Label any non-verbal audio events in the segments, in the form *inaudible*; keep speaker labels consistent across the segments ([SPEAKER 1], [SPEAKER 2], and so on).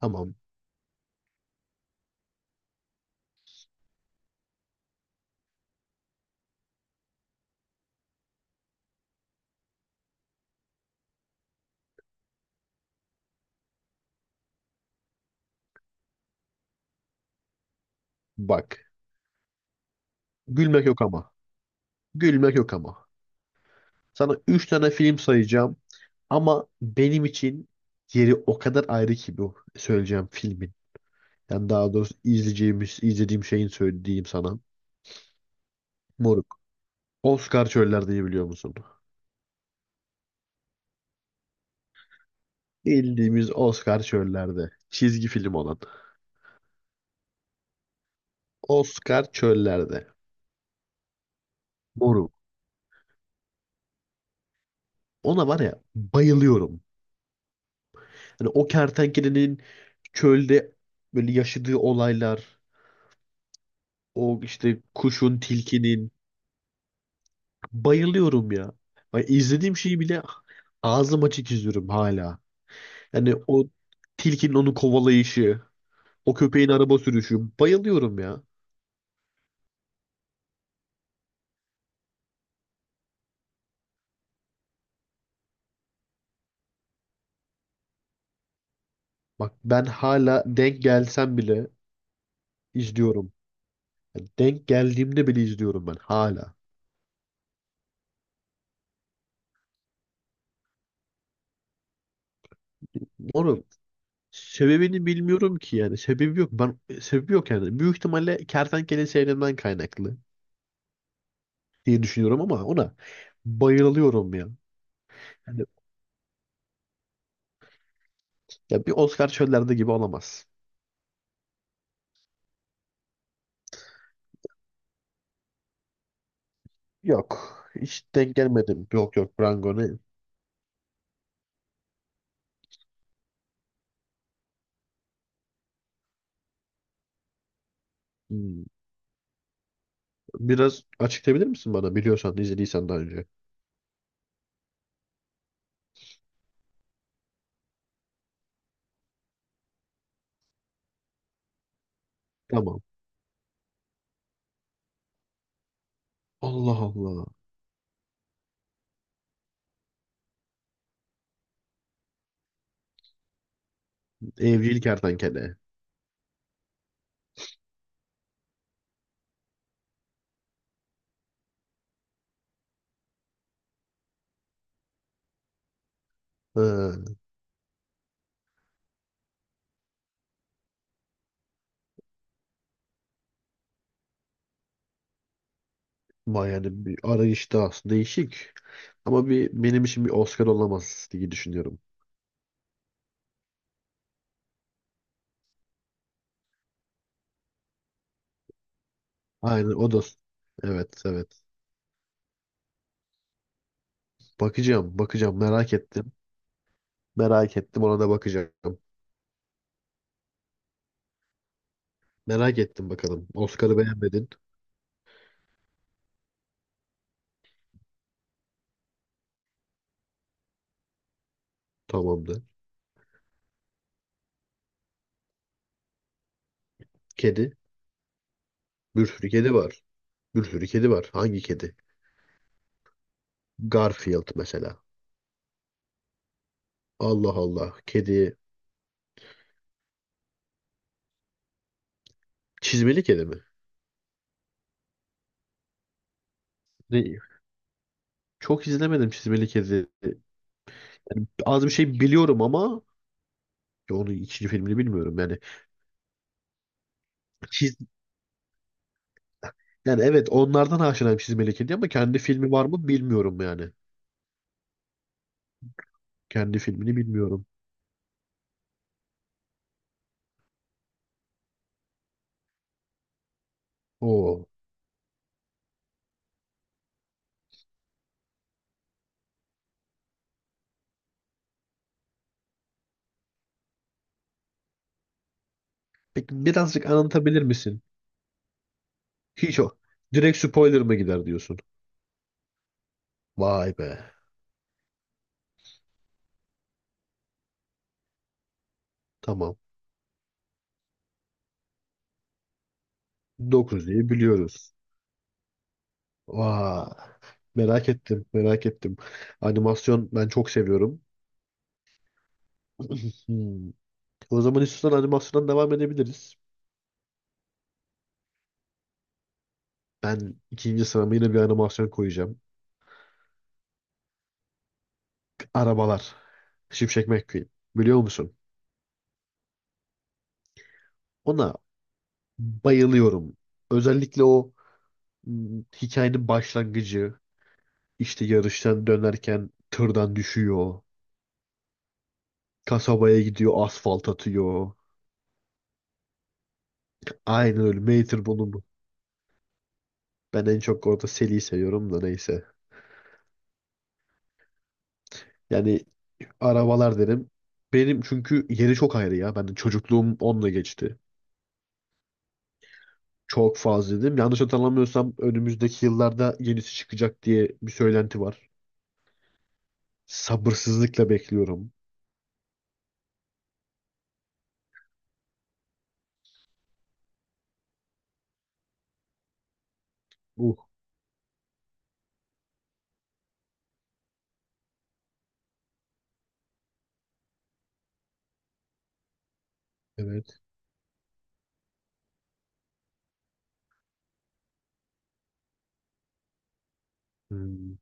[SPEAKER 1] Tamam, bak. Gülmek yok ama. Gülmek yok ama. Sana üç tane film sayacağım. Ama benim için yeri o kadar ayrı ki bu söyleyeceğim filmin. Yani daha doğrusu izleyeceğimiz, izlediğim şeyin söylediğim sana. Moruk. Oscar çöllerde biliyor musun? Bildiğimiz Oscar çöllerde. Çizgi film olan. Oscar çöllerde. Moruk. Ona var ya bayılıyorum. Hani o kertenkelenin çölde böyle yaşadığı olaylar. O işte kuşun, tilkinin. Bayılıyorum ya. Ay, izlediğim şeyi bile ağzım açık izliyorum hala. Yani o tilkinin onu kovalayışı, o köpeğin araba sürüşü. Bayılıyorum ya. Bak, ben hala denk gelsem bile izliyorum. Yani denk geldiğimde bile izliyorum ben hala. Oğlum, sebebini bilmiyorum ki yani. Sebebi yok. Ben sebebi yok yani. Büyük ihtimalle kertenkele seyrinden kaynaklı diye düşünüyorum ama ona bayılıyorum ya. Yani ya bir Oscar çöllerde gibi olamaz. Yok. Hiç denk gelmedim. Yok yok Brangoni. Hmm. Biraz açıklayabilir misin bana? Biliyorsan, izlediysen daha önce. Tamam. Allah Allah. Evcil kertenkele. Ha. Vay, yani bir arayışta aslında değişik. Ama bir benim için bir Oscar olamaz diye düşünüyorum. Aynen o da. Evet, evet. Bakacağım, bakacağım, merak ettim. Merak ettim, ona da bakacağım. Merak ettim bakalım. Oscar'ı beğenmedin. Tamamdır. Kedi. Bir sürü kedi var. Bir sürü kedi var. Hangi kedi? Garfield mesela. Allah Allah. Kedi. Çizmeli kedi mi? Ne- Çok izlemedim çizmeli kedi. Yani az bir şey biliyorum ama ya onun ikinci filmini bilmiyorum yani. Çiz... Yani evet, onlardan aşinayım çizmeli kedi ama kendi filmi var mı bilmiyorum yani. Kendi filmini bilmiyorum. Oo. Peki, birazcık anlatabilir misin? Hiç o. Direkt spoiler mı gider diyorsun? Vay be. Tamam. 9'u biliyoruz. Vay, merak ettim, merak ettim. Animasyon ben çok seviyorum. Hmm. O zaman istiyorsan animasyondan devam edebiliriz. Ben ikinci sırama yine bir animasyon koyacağım. Arabalar. Şimşek McQueen. Biliyor musun? Ona bayılıyorum. Özellikle o hikayenin başlangıcı. İşte yarıştan dönerken tırdan düşüyor. Kasabaya gidiyor, asfalt atıyor. Aynen öyle. Mater bunu. Ben en çok orada Sally'i seviyorum da neyse. Yani arabalar derim. Benim çünkü yeri çok ayrı ya. Ben çocukluğum onunla geçti. Çok fazla dedim. Yanlış hatırlamıyorsam önümüzdeki yıllarda yenisi çıkacak diye bir söylenti var. Sabırsızlıkla bekliyorum. Uh, evet. Hmm.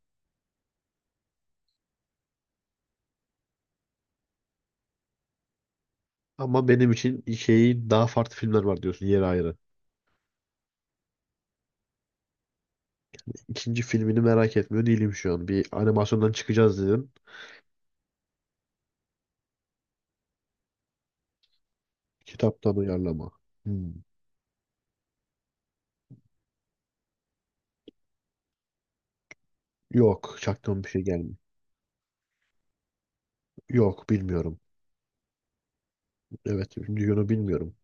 [SPEAKER 1] Ama benim için şeyi daha farklı filmler var diyorsun, yeri ayrı. İkinci filmini merak etmiyor değilim şu an. Bir animasyondan çıkacağız dedim. Kitaptan uyarlama. Hmm. Yok, çaktığım bir şey gelmiyor. Yok, bilmiyorum. Evet, Dune'u bilmiyorum.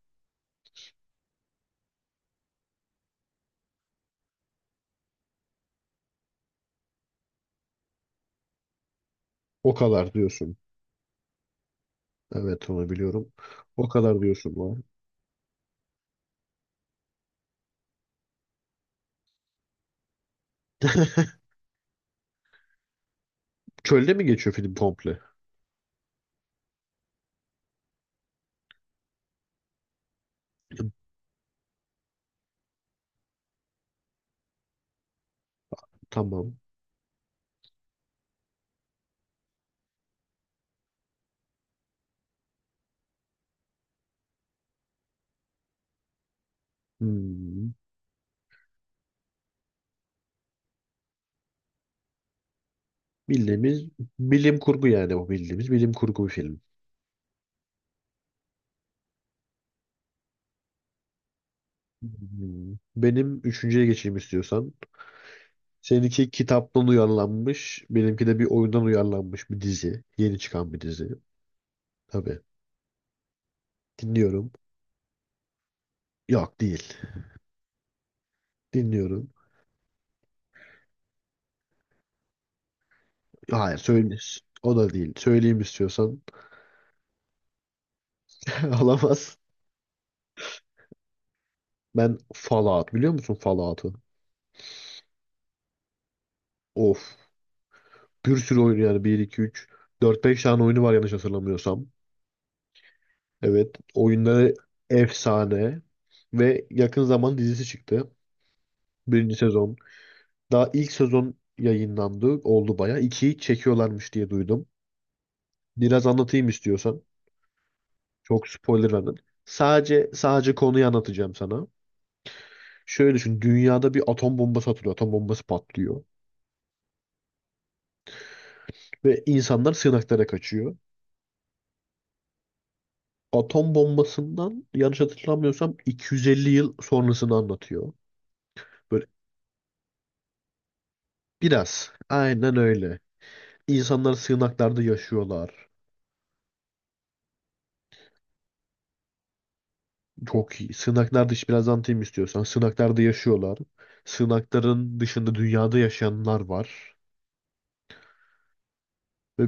[SPEAKER 1] O kadar diyorsun. Evet, onu biliyorum. O kadar diyorsun lan. *laughs* Çölde mi geçiyor film komple? Tamam. Hmm. Bildiğimiz bilim kurgu, yani o bildiğimiz bilim kurgu bir film. Hmm. Benim üçüncüye geçeyim istiyorsan. Seninki kitaptan uyarlanmış. Benimki de bir oyundan uyarlanmış bir dizi. Yeni çıkan bir dizi. Tabii. Dinliyorum. Yok, değil. Dinliyorum. Hayır, söyle. O da değil. Söyleyeyim istiyorsan. *laughs* Alamaz. Ben Fallout, biliyor musun Fallout'u? Of. Bir sürü oyun, yani bir 2 3 4 5 tane oyunu var yanlış hatırlamıyorsam. Evet. Oyunları efsane. Ve yakın zaman dizisi çıktı. Birinci sezon. Daha ilk sezon yayınlandı. Oldu baya. İkiyi çekiyorlarmış diye duydum. Biraz anlatayım istiyorsan. Çok spoiler verdim. Sadece konuyu anlatacağım sana. Şöyle düşün. Dünyada bir atom bombası atılıyor. Atom bombası patlıyor. Ve insanlar sığınaklara kaçıyor. Atom bombasından yanlış hatırlamıyorsam 250 yıl sonrasını anlatıyor. Böyle biraz. Aynen öyle. İnsanlar sığınaklarda yaşıyorlar. Çok iyi. Sığınaklar dışı biraz anlatayım istiyorsan. Sığınaklarda yaşıyorlar. Sığınakların dışında dünyada yaşayanlar var. Ve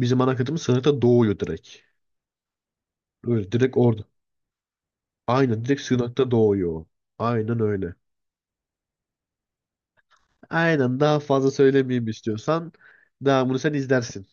[SPEAKER 1] bizim ana kıtamız sığınakta doğuyor direkt. Öyle direkt orada. Aynen, direkt sığınakta doğuyor. Aynen öyle. Aynen, daha fazla söylemeyeyim istiyorsan. Devamını sen izlersin.